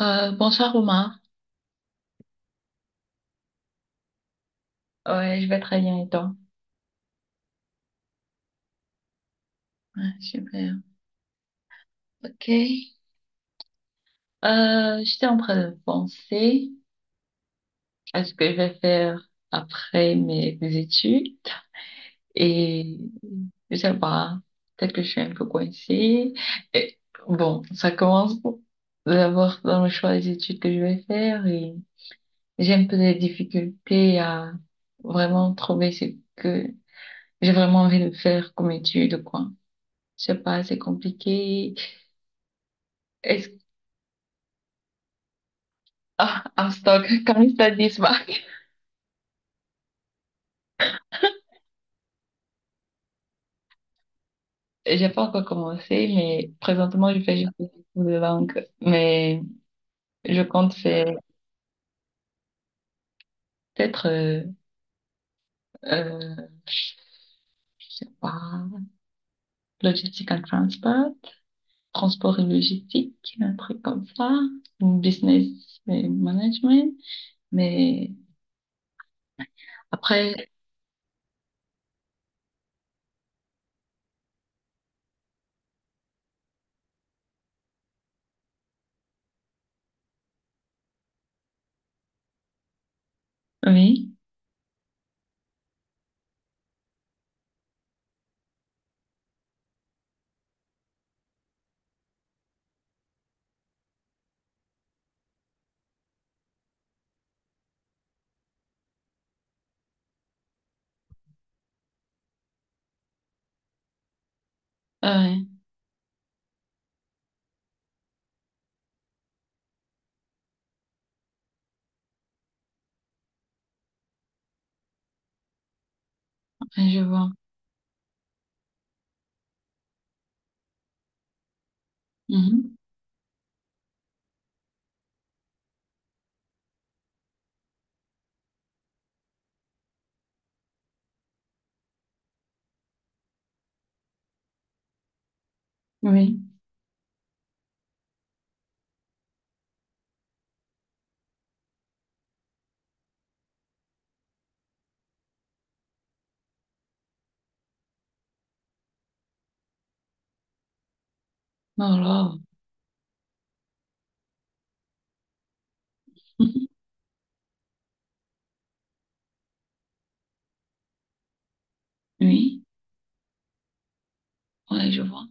Bonsoir Romain. Ouais, je vais très bien et toi? Ouais, super. Ok. J'étais en train de penser à ce que je vais faire après mes études et je sais pas, peut-être que je suis un peu coincée. Et, bon, ça commence d'abord dans le choix des études que je vais faire et j'ai un peu des difficultés à vraiment trouver ce que j'ai vraiment envie de faire comme étude, quoi. Je sais pas, c'est compliqué. Est-ce ah, en stock, comme il ça dit, j'ai pas encore commencé, mais présentement, je fais juste des cours de langue. Mais je compte faire peut-être, euh, je sais pas, logistique and transport, transport et logistique, un truc comme ça, ou business et management. Mais après, oui, ah ouais, ouais, je vois. Mhm. Oui, alors, oui, ouais, je vois.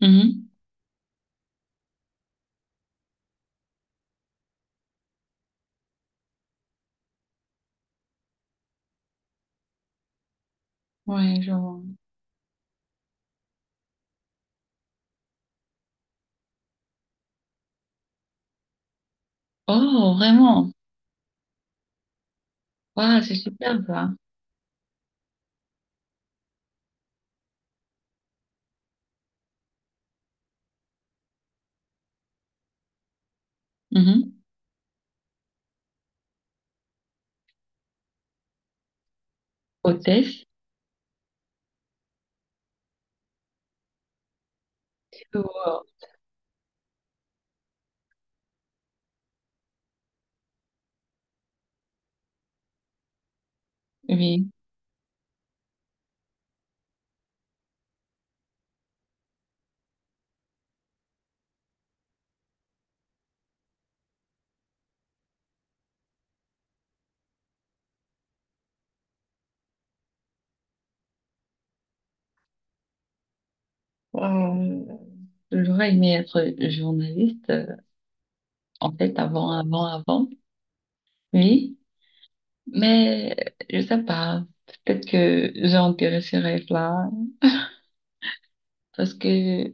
Mhm. Ouais, je vois. Oh, vraiment? Waouh, c'est super ça. Mhm. Hôtesse. Wow. Oui. Wow. J'aurais aimé être journaliste, en fait, avant, avant, avant. Oui. Mais je sais pas. Peut-être que j'ai enterré ce rêve-là. Parce que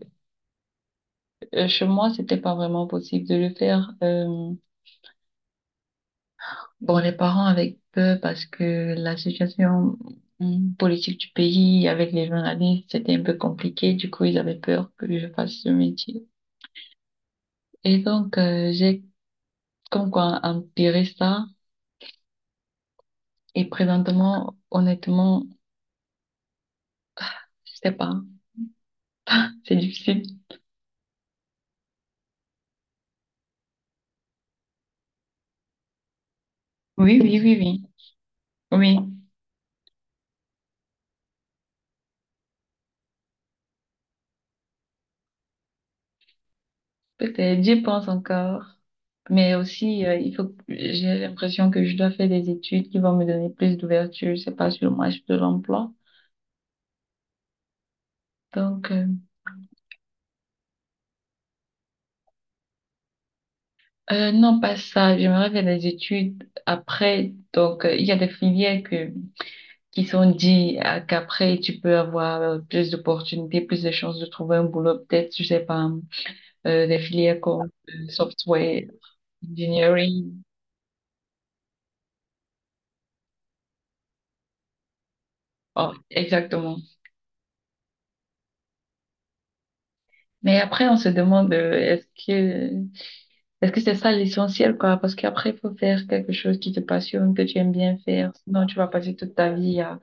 chez moi, c'était pas vraiment possible de le faire. Bon, les parents avec peu parce que la situation politique du pays avec les journalistes, c'était un peu compliqué. Du coup, ils avaient peur que je fasse ce métier. Et donc, j'ai comme quoi empiré ça. Et présentement, honnêtement, je sais pas. C'est difficile. Oui, oui, oui, oui. Oui, peut-être. J'y pense encore. Mais aussi, il faut, que- j'ai l'impression que je dois faire des études qui vont me donner plus d'ouverture, je sais pas, sur le marché de l'emploi. Donc, non, pas ça. J'aimerais faire des études après. Donc, il y a des filières que qui sont dit qu'après, tu peux avoir plus d'opportunités, plus de chances de trouver un boulot, peut-être, je sais pas, des filières comme software, engineering. Oh, exactement. Mais après, on se demande, est-ce que c'est ça l'essentiel, quoi? Parce qu'après, il faut faire quelque chose qui te passionne, que tu aimes bien faire. Sinon, tu vas passer toute ta vie à...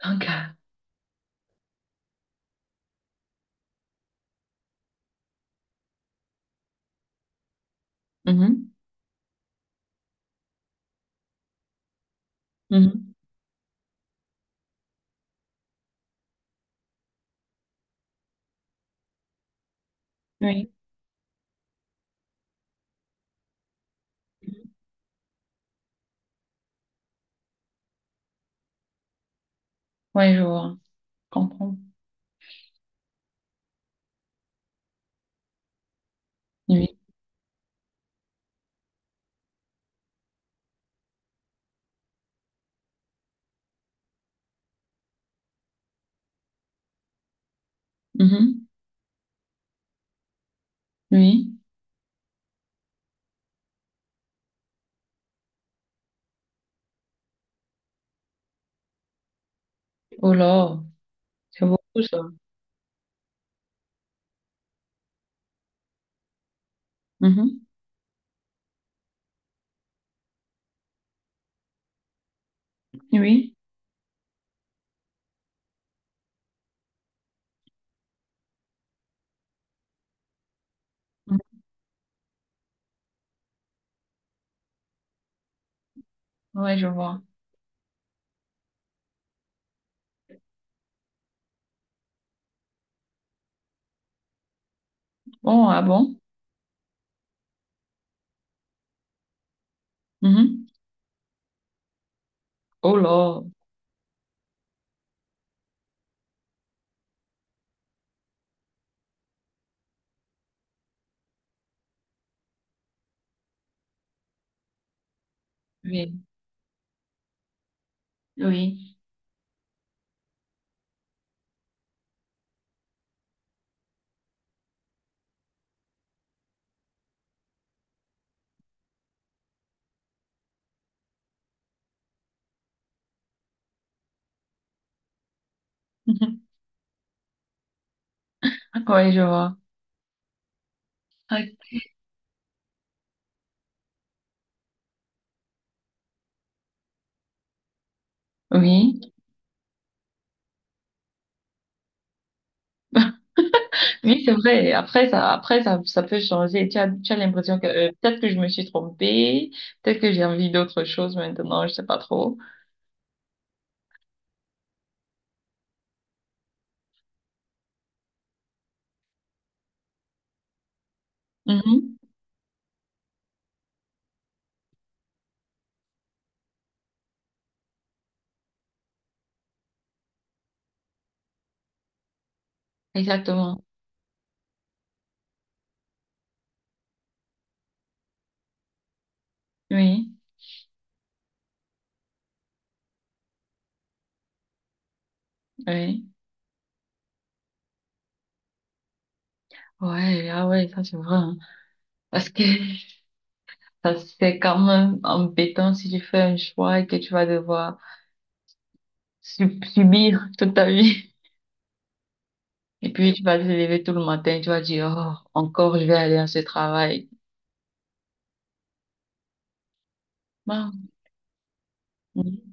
Donc, mhm, mhm, oui. Ouais, je vois. Je comprends. Oui. Mhm, oui. Oh là, c'est beaucoup ça. Mhm, oui. Mhm. Ouais, je vois. Oh, ah bon? Mhm. Oh là. Oui, oui. Mhm. Ouais, je vois. Ah, oui. Oui, c'est vrai. Après, ça, ça peut changer. Tu as l'impression que peut-être que je me suis trompée, peut-être que j'ai envie d'autre chose maintenant, je sais pas trop. Mhm. Exactement. Oui, oui. Ouais, ah ouais, ça c'est vrai, hein. Parce que ça c'est quand même embêtant si tu fais un choix et que tu vas devoir subir toute ta vie. Et puis, tu vas te lever tout le matin, tu vas dire, oh, encore, je vais aller à ce travail. Bah, oui.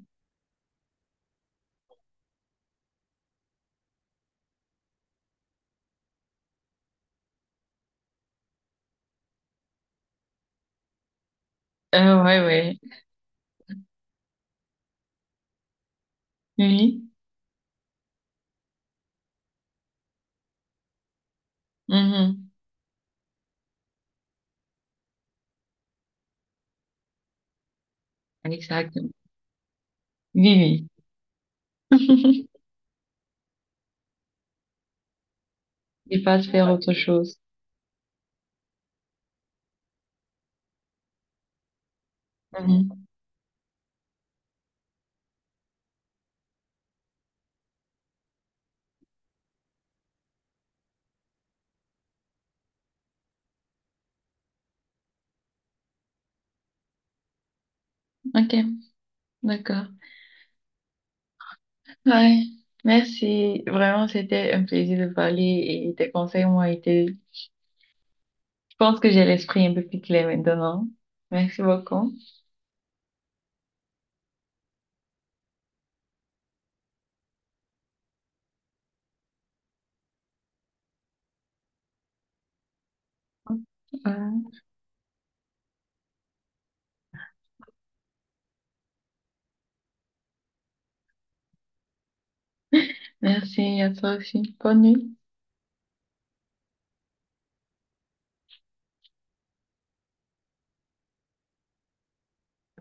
Ouais, ouais. Oui, mhm. Exactement. Oui, oui. Il passe faire autre chose. Mhm. Ok, d'accord. Ouais, merci. Vraiment, c'était un plaisir de parler et tes conseils m'ont été... Je pense que j'ai l'esprit un peu plus clair maintenant. Merci beaucoup. Voilà. Merci à toi aussi. Bonne nuit.